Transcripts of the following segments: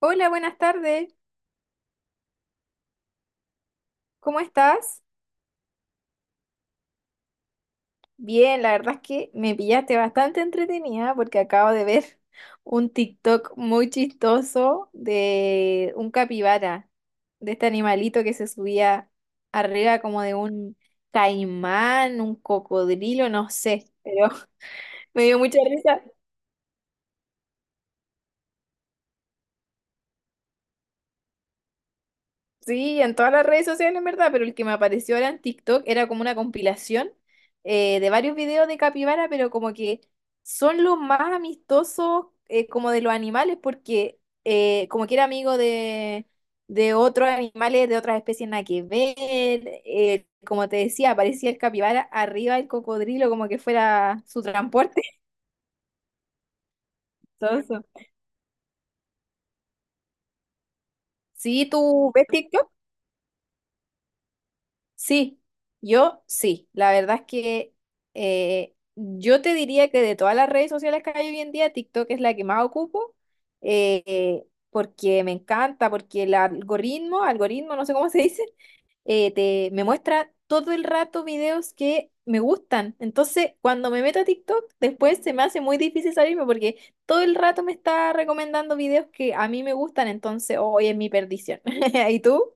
Hola, buenas tardes. ¿Cómo estás? Bien, la verdad es que me pillaste bastante entretenida porque acabo de ver un TikTok muy chistoso de un capibara, de este animalito que se subía arriba como de un caimán, un cocodrilo, no sé, pero me dio mucha risa. Sí, en todas las redes sociales, en verdad, pero el que me apareció ahora en TikTok era como una compilación, de varios videos de capibara, pero como que son los más amistosos, como de los animales, porque como que era amigo de otros animales, de otras especies nada que ver. Como te decía, aparecía el capibara arriba del cocodrilo, como que fuera su transporte. Todo eso. Sí, ¿tú ves TikTok? Sí, yo sí. La verdad es que yo te diría que de todas las redes sociales que hay hoy en día, TikTok es la que más ocupo, porque me encanta, porque el algoritmo, no sé cómo se dice. Me muestra todo el rato videos que me gustan. Entonces, cuando me meto a TikTok, después se me hace muy difícil salirme porque todo el rato me está recomendando videos que a mí me gustan, entonces hoy es mi perdición. ¿Y tú?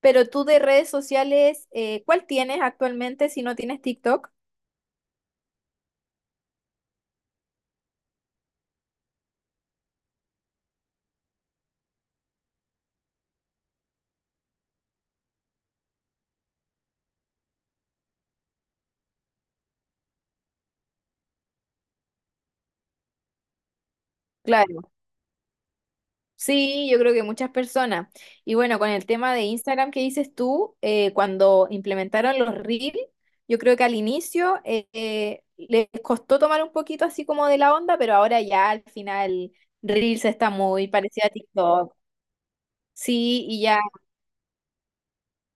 Pero tú de redes sociales, ¿cuál tienes actualmente si no tienes TikTok? Claro. Sí, yo creo que muchas personas. Y bueno, con el tema de Instagram que dices tú, cuando implementaron los Reels, yo creo que al inicio les costó tomar un poquito así como de la onda, pero ahora ya al final Reels está muy parecida a TikTok. Sí, y ya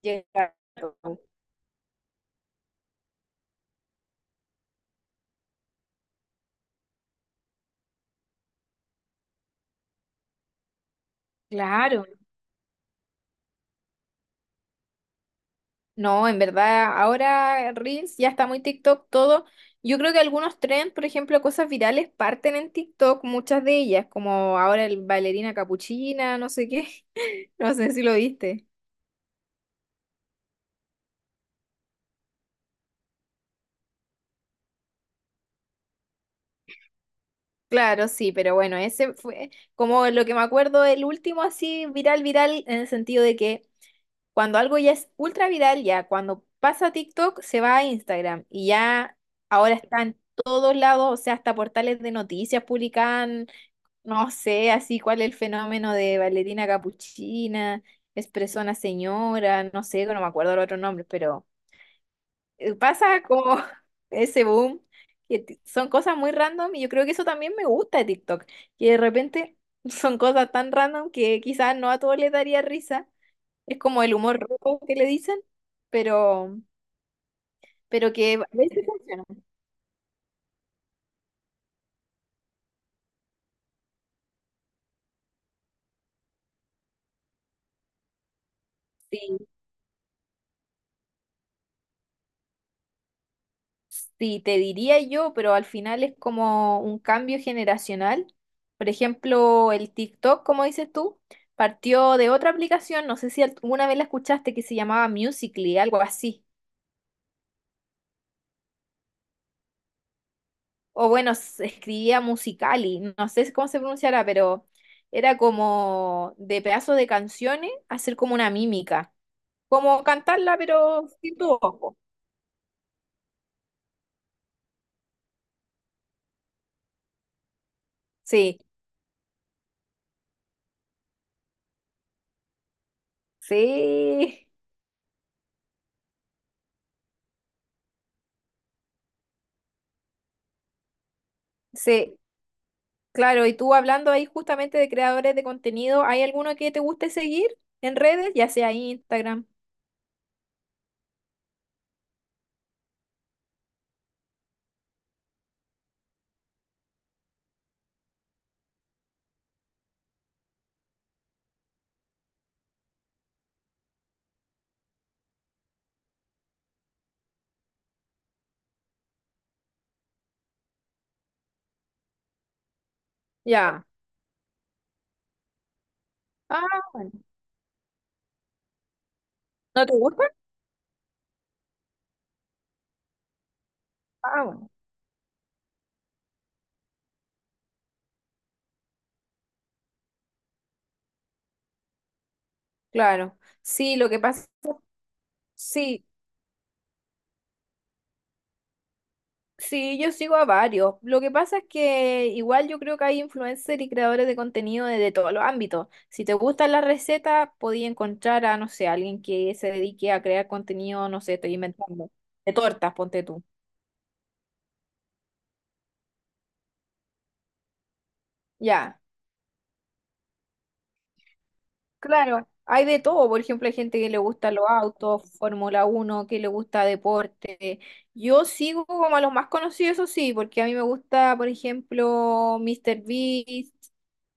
llega. Claro. No, en verdad, ahora Reels ya está muy TikTok todo. Yo creo que algunos trends, por ejemplo, cosas virales parten en TikTok, muchas de ellas, como ahora el bailarina capuchina, no sé qué, no sé si lo viste. Claro, sí, pero bueno, ese fue como lo que me acuerdo, el último así viral, viral, en el sentido de que cuando algo ya es ultra viral, ya cuando pasa a TikTok se va a Instagram y ya ahora está en todos lados, o sea, hasta portales de noticias publican. No sé, así cuál es el fenómeno de bailarina capuchina, expresona señora, no sé, no me acuerdo los otros nombres, pero pasa como ese boom, que son cosas muy random y yo creo que eso también me gusta de TikTok, que de repente son cosas tan random que quizás no a todos les daría risa, es como el humor rojo que le dicen, pero, pero que a veces funciona. Sí. Sí, te diría yo, pero al final es como un cambio generacional. Por ejemplo, el TikTok, como dices tú, partió de otra aplicación, no sé si alguna vez la escuchaste, que se llamaba Musical.ly, algo así. O bueno, se escribía Musical.ly, no sé cómo se pronunciará, pero era como de pedazos de canciones hacer como una mímica, como cantarla, pero sin tu ojo. Sí, sí, sí. Claro, y tú hablando ahí justamente de creadores de contenido, ¿hay alguno que te guste seguir en redes? Ya sea Instagram. Ya. Ah, bueno. ¿No te gusta? Ah, bueno. Claro. Sí, lo que pasa, sí, sí, yo sigo a varios. Lo que pasa es que igual yo creo que hay influencers y creadores de contenido de todos los ámbitos. Si te gustan las recetas, podía encontrar a, no sé, alguien que se dedique a crear contenido, no sé, estoy inventando, de tortas, ponte tú. Ya. Claro, hay de todo, por ejemplo, hay gente que le gusta los autos, Fórmula Uno, que le gusta deporte. Yo sigo como a los más conocidos, eso sí, porque a mí me gusta, por ejemplo, Mr. Beast,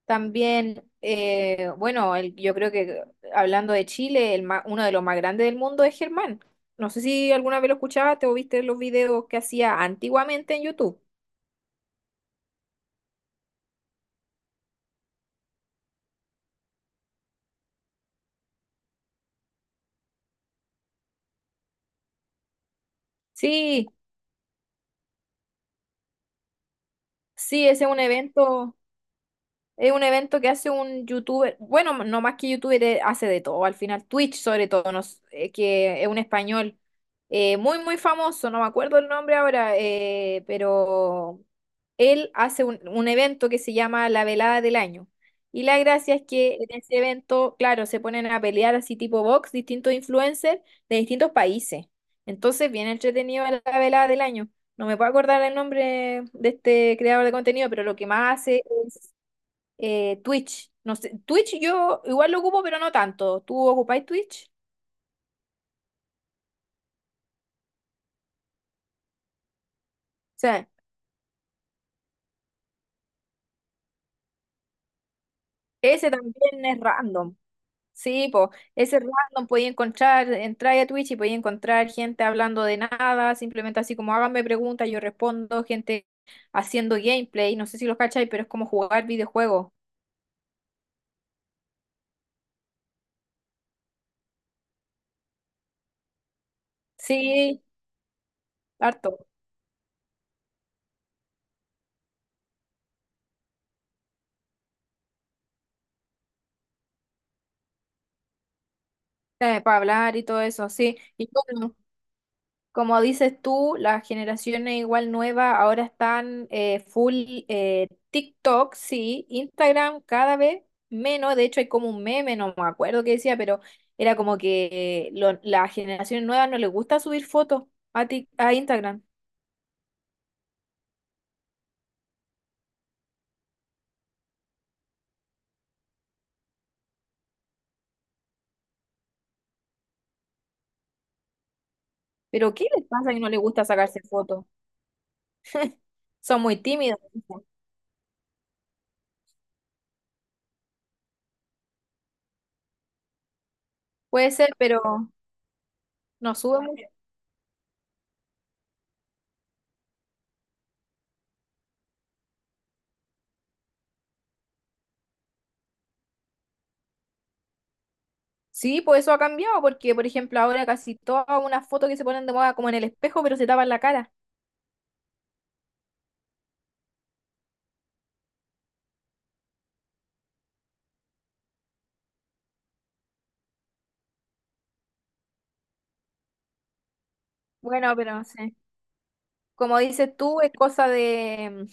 también, bueno, yo creo que hablando de Chile, uno de los más grandes del mundo es Germán. No sé si alguna vez lo escuchaste o viste los videos que hacía antiguamente en YouTube. Sí, sí, ese es un evento. Es un evento que hace un youtuber, bueno, no más que youtuber, hace de todo, al final Twitch sobre todo, que es un español muy, muy famoso, no me acuerdo el nombre ahora, pero él hace un evento que se llama La Velada del Año. Y la gracia es que en ese evento, claro, se ponen a pelear así tipo box, distintos influencers de distintos países. Entonces, bien entretenido la Velada del Año. No me puedo acordar el nombre de este creador de contenido, pero lo que más hace Twitch. No sé, Twitch yo igual lo ocupo, pero no tanto. ¿Tú ocupáis Twitch? Sí. Ese también es random. Sí, po. Ese es random, podía encontrar, entrar a Twitch y podía encontrar gente hablando de nada, simplemente así como háganme preguntas, yo respondo, gente haciendo gameplay, no sé si los cacháis, pero es como jugar videojuegos. Sí, harto. Para hablar y todo eso, sí. Y yo como dices tú, las generaciones igual nuevas ahora están full TikTok, sí, Instagram cada vez menos, de hecho hay como un meme, no me acuerdo qué decía, pero era como que las generaciones nuevas no les gusta subir fotos a, a Instagram, pero ¿qué les pasa que no les gusta sacarse fotos? Son muy tímidos. Puede ser, pero no suben mucho. Sí, pues eso ha cambiado, porque por ejemplo ahora casi todas unas fotos que se ponen de moda como en el espejo, pero se tapan la cara. Bueno, pero sí. Como dices tú, es cosa de,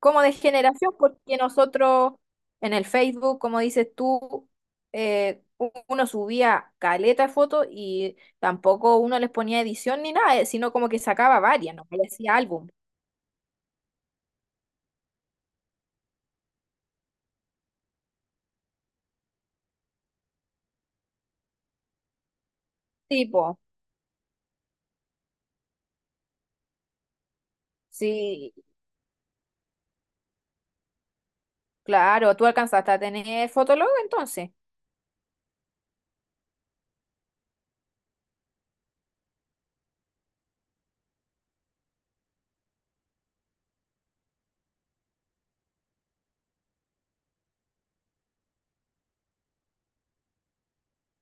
como de generación, porque nosotros en el Facebook, como dices tú, uno subía caleta de fotos y tampoco uno les ponía edición ni nada, sino como que sacaba varias, no le decía álbum. Tipo, sí, claro, tú alcanzaste a tener Fotolog entonces.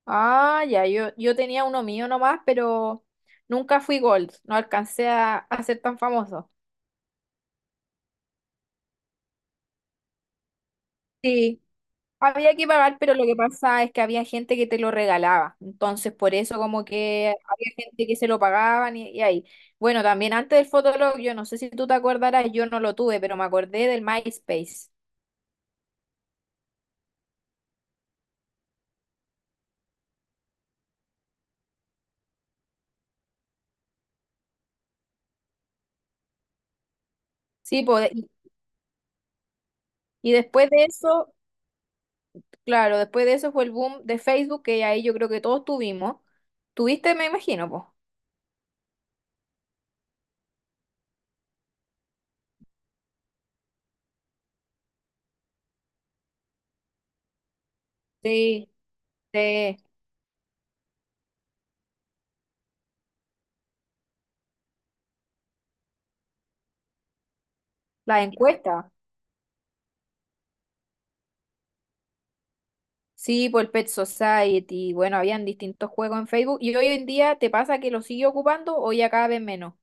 Ah, ya, yo tenía uno mío nomás, pero nunca fui Gold, no alcancé a ser tan famoso. Sí. Había que pagar, pero lo que pasa es que había gente que te lo regalaba. Entonces, por eso como que había gente que se lo pagaban y ahí. Bueno, también antes del Fotolog, yo no sé si tú te acordarás, yo no lo tuve, pero me acordé del MySpace. Sí, pues, y después de eso, claro, después de eso fue el boom de Facebook, que ahí yo creo que todos tuvimos. Tuviste, me imagino, pues. Sí, sí, las encuestas. Sí, por Pet Society. Bueno, habían distintos juegos en Facebook. ¿Y hoy en día te pasa que lo sigue ocupando o ya cada vez menos?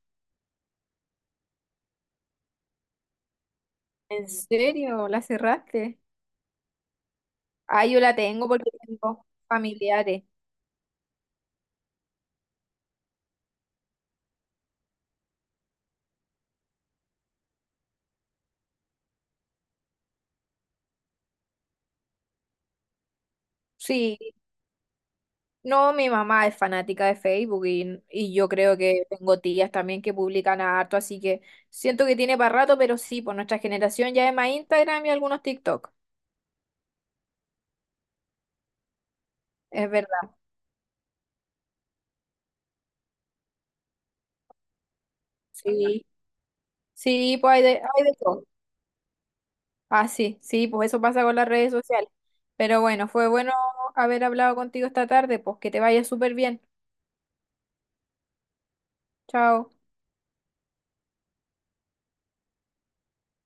¿En serio? ¿La cerraste? Ah, yo la tengo porque tengo familiares. Sí. No, mi mamá es fanática de Facebook y yo creo que tengo tías también que publican harto, así que siento que tiene para rato, pero sí, por nuestra generación ya es más Instagram y algunos TikTok. Es verdad. Sí. Sí, pues hay de todo. Ah, sí, sí, pues eso pasa con las redes sociales. Pero bueno, fue bueno haber hablado contigo esta tarde, pues que te vaya súper bien. Chao.